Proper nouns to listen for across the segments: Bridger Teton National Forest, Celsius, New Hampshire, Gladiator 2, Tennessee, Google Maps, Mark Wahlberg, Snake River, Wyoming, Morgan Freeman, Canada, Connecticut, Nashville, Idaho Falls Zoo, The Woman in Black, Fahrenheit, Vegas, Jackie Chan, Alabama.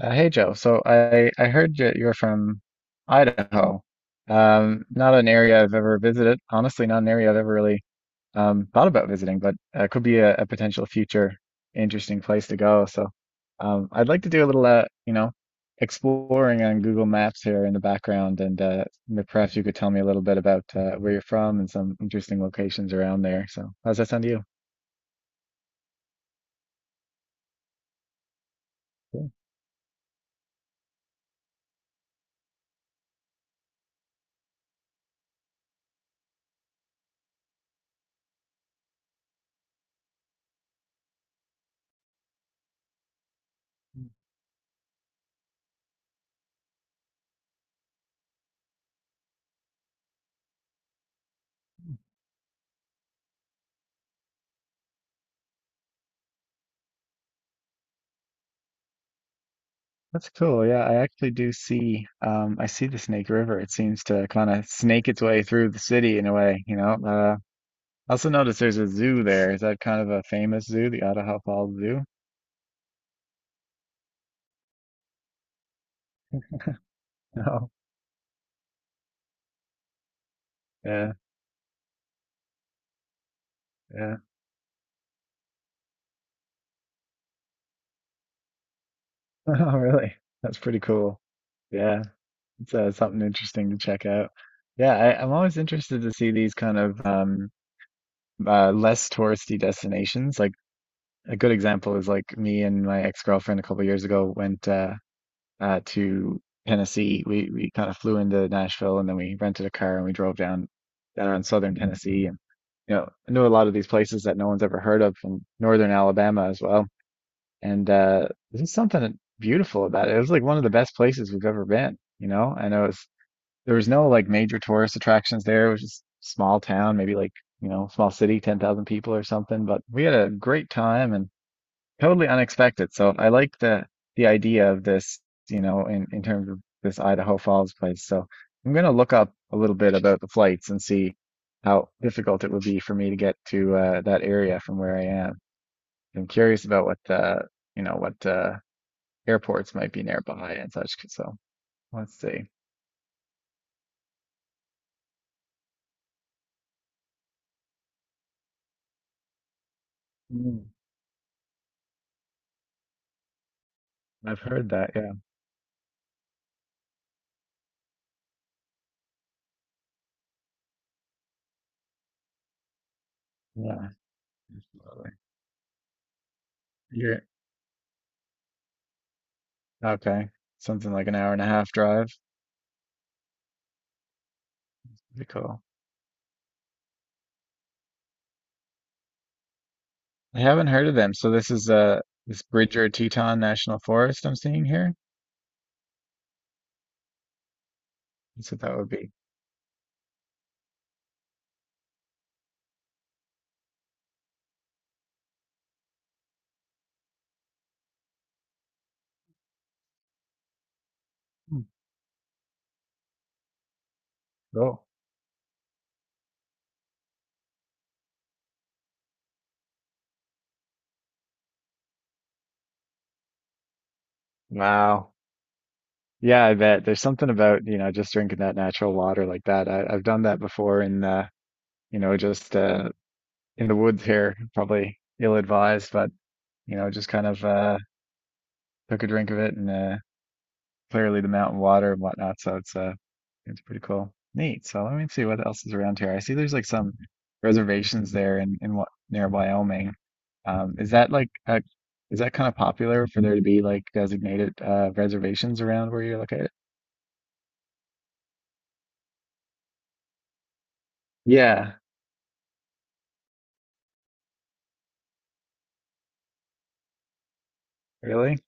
Hey Joe, so I heard that you're from Idaho. Not an area I've ever visited. Honestly, not an area I've ever really thought about visiting, but could be a potential future interesting place to go. So I'd like to do a little, exploring on Google Maps here in the background, and perhaps you could tell me a little bit about where you're from and some interesting locations around there. So how's that sound to you? Yeah. That's cool. Yeah, I actually do see I see the Snake River. It seems to kind of snake its way through the city in a way, you know. I also noticed there's a zoo there. Is that kind of a famous zoo, the Idaho Falls Zoo? No. Yeah, yeah. Oh, really? That's pretty cool. Yeah, it's something interesting to check out. Yeah, I'm always interested to see these kind of less touristy destinations. Like a good example is like me and my ex-girlfriend a couple years ago went. To Tennessee. We kind of flew into Nashville and then we rented a car and we drove down in southern Tennessee, and you know, I knew a lot of these places that no one's ever heard of from northern Alabama as well. And there's something beautiful about it. It was like one of the best places we've ever been. You know, and it was there was no like major tourist attractions there. It was just small town, maybe like, you know, small city, 10,000 people or something. But we had a great time, and totally unexpected. So I like the idea of this, you know, in terms of this Idaho Falls place. So I'm gonna look up a little bit about the flights and see how difficult it would be for me to get to that area from where I am. I'm curious about what you know, what uh, airports might be nearby and such. So let's see. Mm, I've heard that. Yeah. Yeah. Absolutely. You're okay. Something like an hour and a half drive. Pretty cool. I haven't heard of them. So this is this Bridger Teton National Forest I'm seeing here. That's what that would be. Hmm. Cool. Wow. Yeah, I bet there's something about, you know, just drinking that natural water like that. I've done that before in you know, just in the woods here, probably ill-advised, but you know, just kind of took a drink of it, and clearly the mountain water and whatnot. So it's pretty cool. Neat. So let me see what else is around here. I see there's like some reservations there in what near Wyoming. Um, is that like uh is that kind of popular for there to be like designated reservations around where you're located? Yeah, really?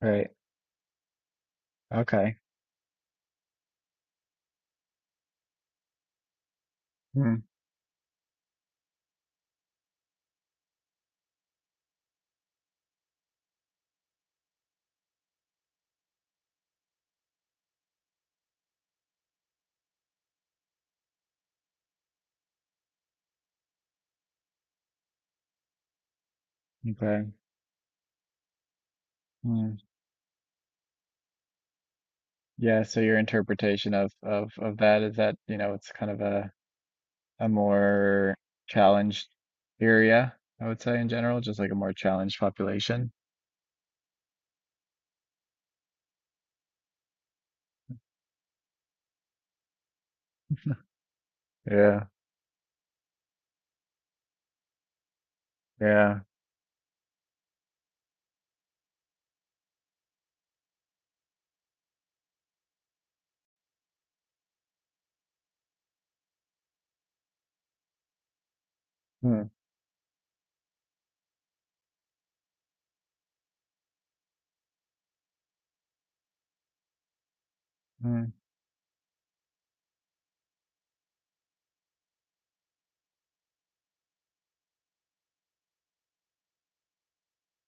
Right. Okay. Hmm. Okay. Hmm. Yeah, so your interpretation of, of that is that, you know, it's kind of a more challenged area, I would say in general, just like a more challenged population. Yeah. Yeah. Hmm. Hmm.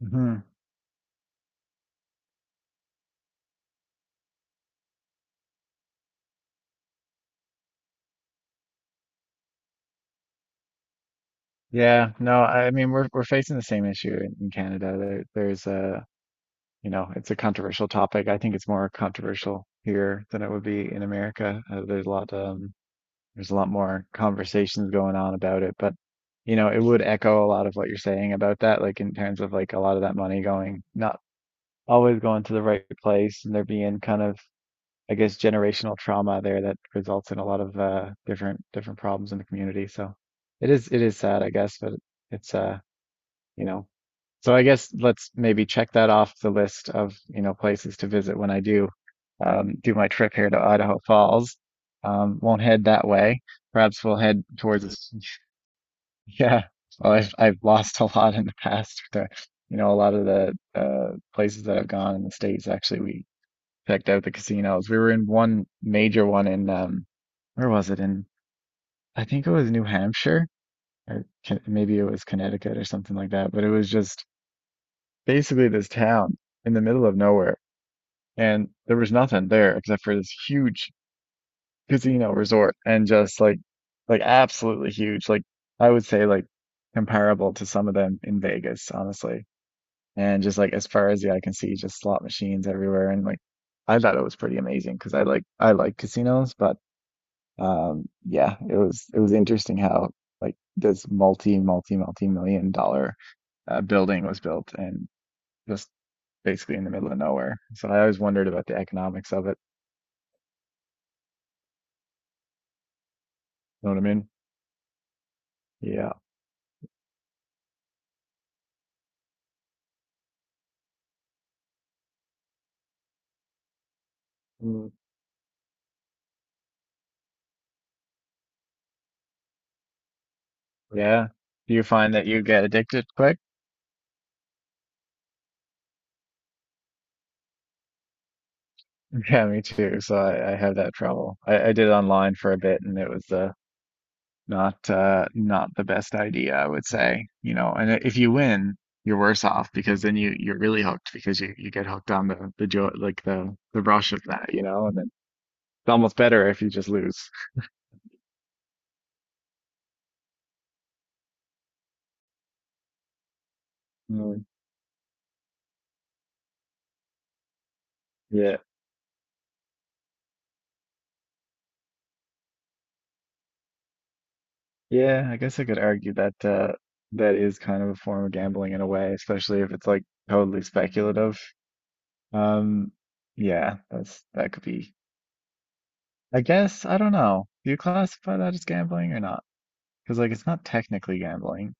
Hmm. Yeah, no, I mean we're facing the same issue in Canada. There's a, you know, it's a controversial topic. I think it's more controversial here than it would be in America. There's a lot, there's a lot more conversations going on about it, but you know, it would echo a lot of what you're saying about that, like in terms of like a lot of that money going not always going to the right place, and there being kind of, I guess, generational trauma there that results in a lot of different problems in the community. So it is sad, I guess, but it's you know, so I guess let's maybe check that off the list of, you know, places to visit when I do do my trip here to Idaho Falls. Won't head that way. Perhaps we'll head towards, this- yeah. Well, I've lost a lot in the past. To, you know, a lot of the places that I've gone in the States, actually, we checked out the casinos. We were in one major one in where was it? In I think it was New Hampshire, or maybe it was Connecticut or something like that. But it was just basically this town in the middle of nowhere, and there was nothing there except for this huge casino resort, and just like absolutely huge. Like I would say like comparable to some of them in Vegas, honestly. And just like as far as the eye can see, just slot machines everywhere. And like I thought it was pretty amazing because I like casinos, but yeah, it was interesting how like this multi million-dollar building was built and just basically in the middle of nowhere. So I always wondered about the economics of it. You know what I mean? Yeah. Mm. Yeah. Do you find that you get addicted quick? Yeah, me too. So I have that trouble. I did online for a bit, and it was not the best idea, I would say. You know, and if you win, you're worse off because then you're really hooked because you get hooked on the joy, like the rush of that, you know, and then it's almost better if you just lose. Mm, yeah. Yeah, I guess I could argue that that is kind of a form of gambling in a way, especially if it's like totally speculative. Um, yeah, that's that could be. I guess I don't know. Do you classify that as gambling or not? Because like it's not technically gambling.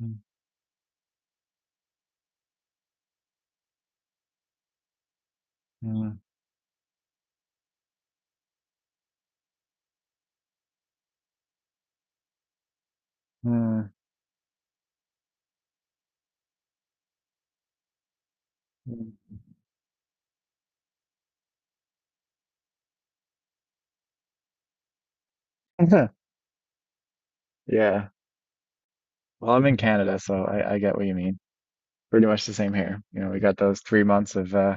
Mm, mm, mm, mm. Yeah. Well, I'm in Canada, so I get what you mean. Pretty much the same here. You know, we got those three months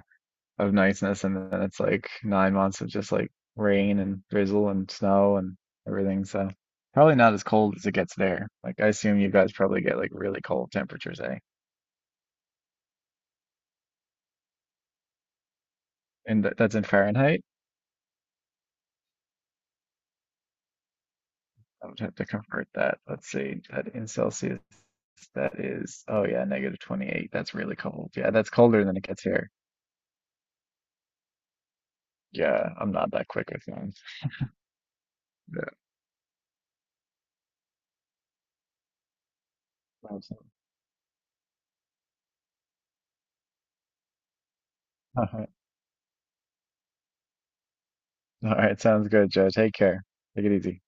of niceness, and then it's like nine months of just like rain and drizzle and snow and everything. So probably not as cold as it gets there. Like I assume you guys probably get like really cold temperatures, eh? And th that's in Fahrenheit. I would have to convert that. Let's see, that in Celsius, that is, oh yeah, negative 28. That's really cold. Yeah, that's colder than it gets here. Yeah, I'm not that quick with things. Yeah. Awesome. All right. All right, sounds good, Joe. Take care. Take it easy.